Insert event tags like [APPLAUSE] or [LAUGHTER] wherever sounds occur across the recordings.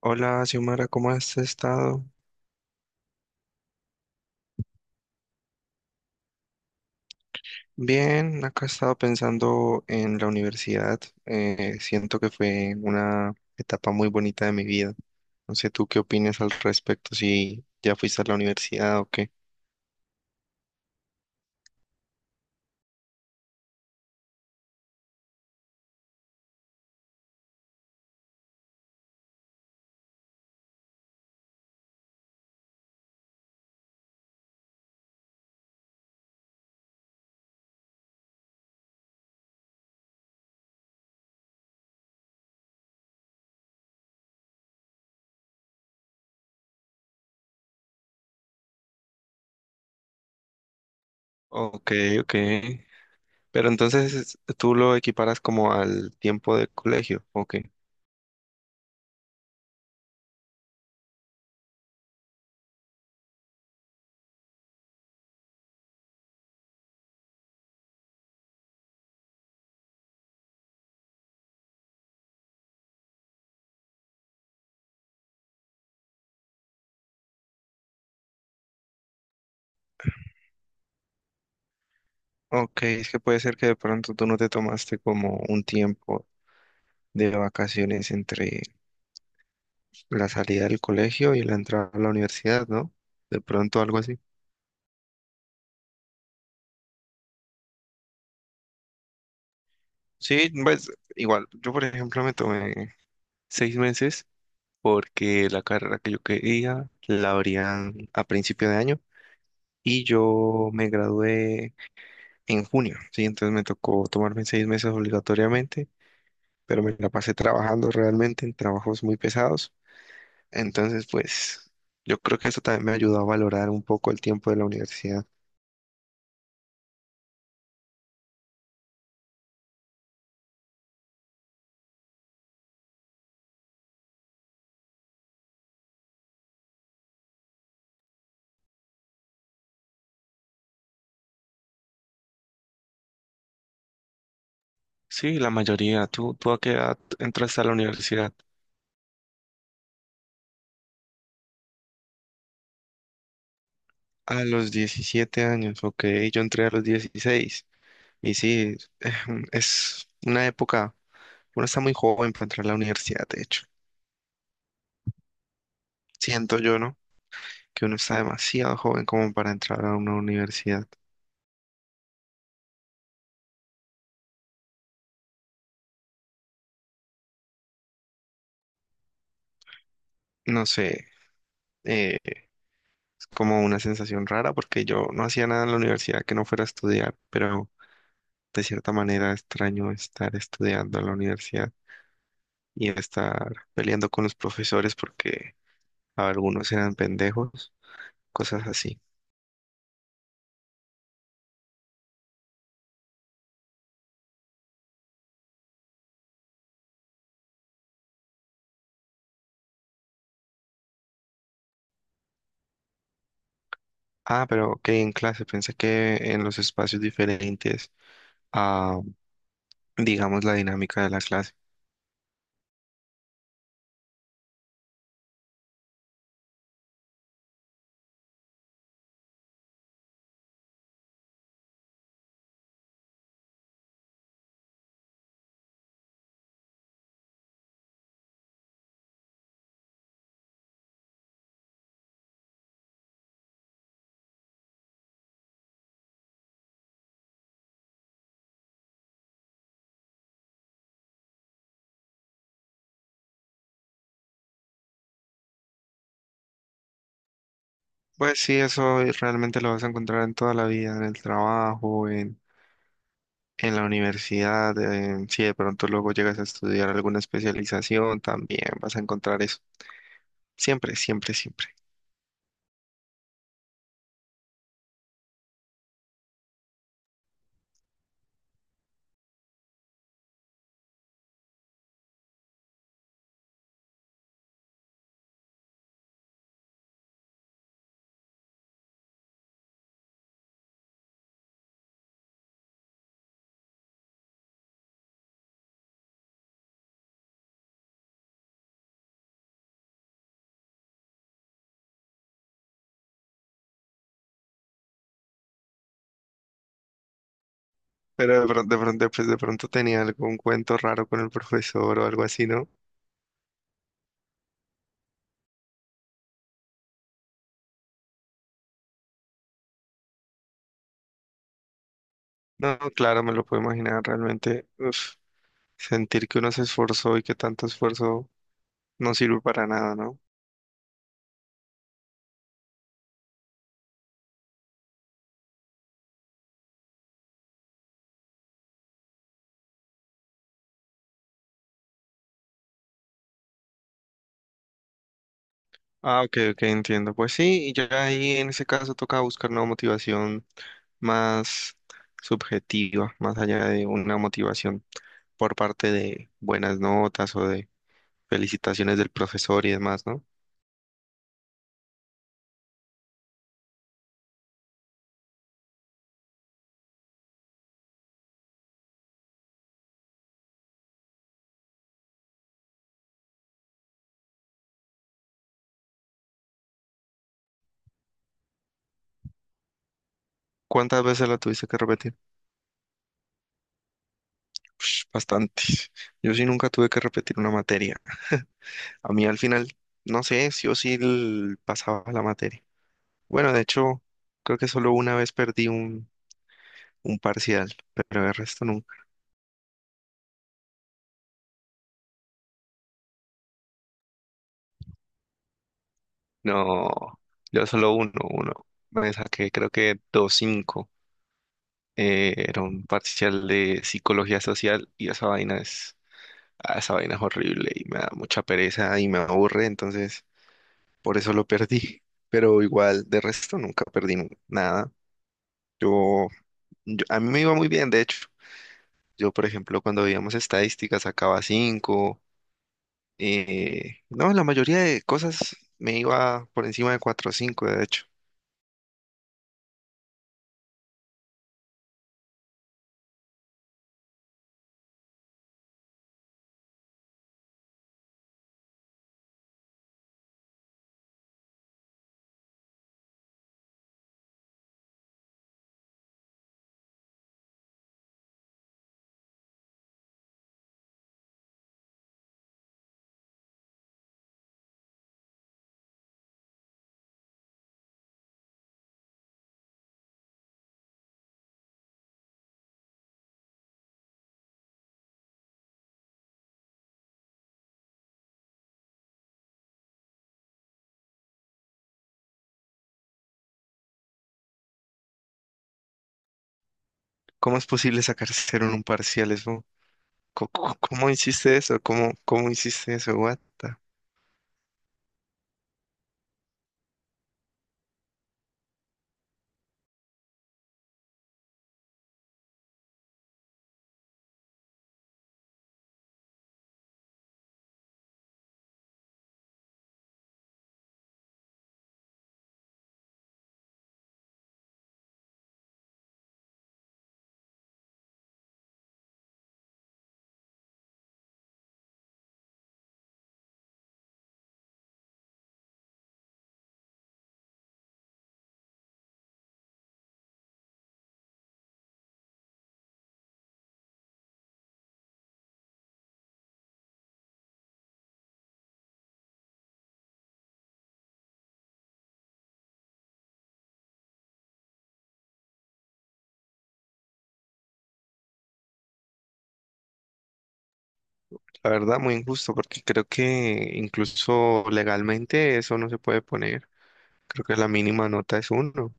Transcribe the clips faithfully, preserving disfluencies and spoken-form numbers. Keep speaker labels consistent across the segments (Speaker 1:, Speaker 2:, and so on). Speaker 1: Hola, Xiomara, ¿cómo has estado? Bien, acá he estado pensando en la universidad. Eh, siento que fue una etapa muy bonita de mi vida. No sé, ¿tú qué opinas al respecto? Si ya fuiste a la universidad o qué. Ok, ok. Pero entonces tú lo equiparas como al tiempo de colegio, ok. Ok, es que puede ser que de pronto tú no te tomaste como un tiempo de vacaciones entre la salida del colegio y la entrada a la universidad, ¿no? De pronto algo así. Sí, pues igual, yo por ejemplo me tomé seis meses porque la carrera que yo quería la abrían a principio de año y yo me gradué en junio, sí, entonces me tocó tomarme seis meses obligatoriamente, pero me la pasé trabajando realmente en trabajos muy pesados, entonces pues yo creo que eso también me ayudó a valorar un poco el tiempo de la universidad. Sí, la mayoría. ¿Tú, tú a qué edad entraste a la universidad? A los diecisiete años, ok, yo entré a los dieciséis. Y sí, eh, es una época, uno está muy joven para entrar a la universidad, de hecho. Siento yo, ¿no? Que uno está demasiado joven como para entrar a una universidad. No sé, eh, es como una sensación rara porque yo no hacía nada en la universidad que no fuera a estudiar, pero de cierta manera extraño estar estudiando en la universidad y estar peleando con los profesores porque algunos eran pendejos, cosas así. Ah, pero ok, en clase, pensé que en los espacios diferentes a, digamos, la dinámica de la clase. Pues sí, eso es- realmente lo vas a encontrar en toda la vida, en el trabajo, en, en la universidad, en- si de pronto luego llegas a estudiar alguna especialización, también vas a encontrar eso. Siempre, siempre, siempre. Pero de pronto, de pronto, pues de pronto tenía algún cuento raro con el [LAUGHS] profesor o algo así, ¿no? No, claro, me lo puedo imaginar realmente. Uf. Sentir que uno se esforzó y que tanto esfuerzo no sirve para nada, ¿no? Ah, ok, ok, entiendo. Pues sí, y ya ahí en ese caso toca buscar una motivación más subjetiva, más allá de una motivación por parte de buenas notas o de felicitaciones del profesor y demás, ¿no? ¿Cuántas veces la tuviste que repetir? Ush, bastantes. Yo sí nunca tuve que repetir una materia. A mí al final, no sé, sí o sí l- pasaba la materia. Bueno, de hecho, creo que solo una vez perdí un un parcial, pero el resto no. No, yo solo uno, uno. Me saqué creo que dos cinco. Eh, era un parcial de psicología social y esa vaina es, ah, esa vaina es horrible y me da mucha pereza y me aburre, entonces por eso lo perdí. Pero igual, de resto nunca perdí nu- nada. Yo, yo- a mí me iba muy bien, de hecho. Yo, por ejemplo, cuando veíamos estadísticas sacaba cinco. Eh, no, la mayoría de cosas me iba por encima de cuatro o cinco, de hecho. ¿Cómo es posible sacar cero en un parcial? Eso, co- co- ¿cómo hiciste eso? ¿Cómo, cómo hiciste eso? What the- La verdad, muy injusto, porque creo que incluso legalmente eso no se puede poner. Creo que la mínima nota es uno.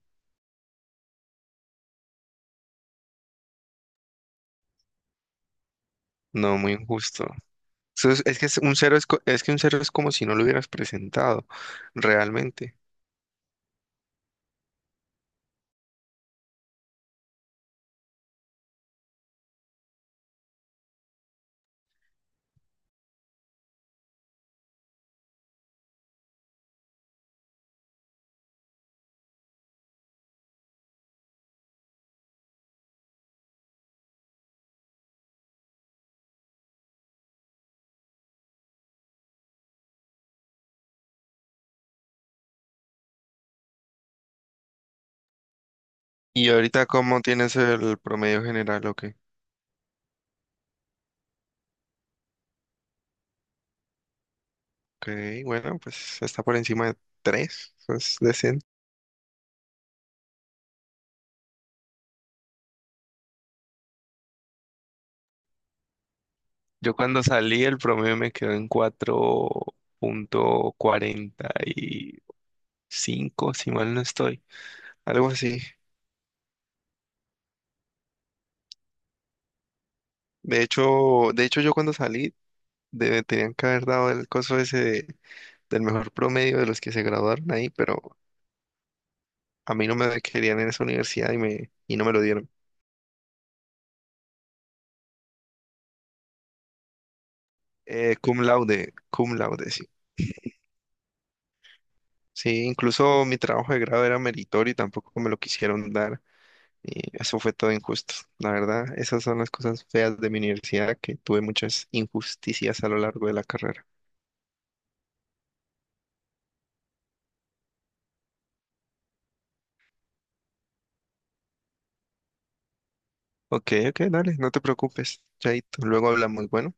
Speaker 1: No, muy injusto. Eso es, es que es un cero es, co- es que un cero es como si no lo hubieras presentado, realmente. Y ahorita, ¿cómo tienes el promedio general? Ok, ok, bueno, pues está por encima de tres. Eso es decente. Yo cuando salí el promedio me quedó en cuatro punto cuarenta y cinco, si mal no estoy, algo así. De hecho, de hecho yo cuando salí de- tenían que haber dado el coso ese de- del mejor promedio de los que se graduaron ahí, pero a mí no me querían en esa universidad y me y no me lo dieron. Eh, cum laude, cum laude, sí. Sí, incluso mi trabajo de grado era meritorio y tampoco me lo quisieron dar. Y eso fue todo injusto. La verdad, esas son las cosas feas de mi universidad, que tuve muchas injusticias a lo largo de la carrera. Ok, ok, dale, no te preocupes, Chaito. Luego hablamos, bueno.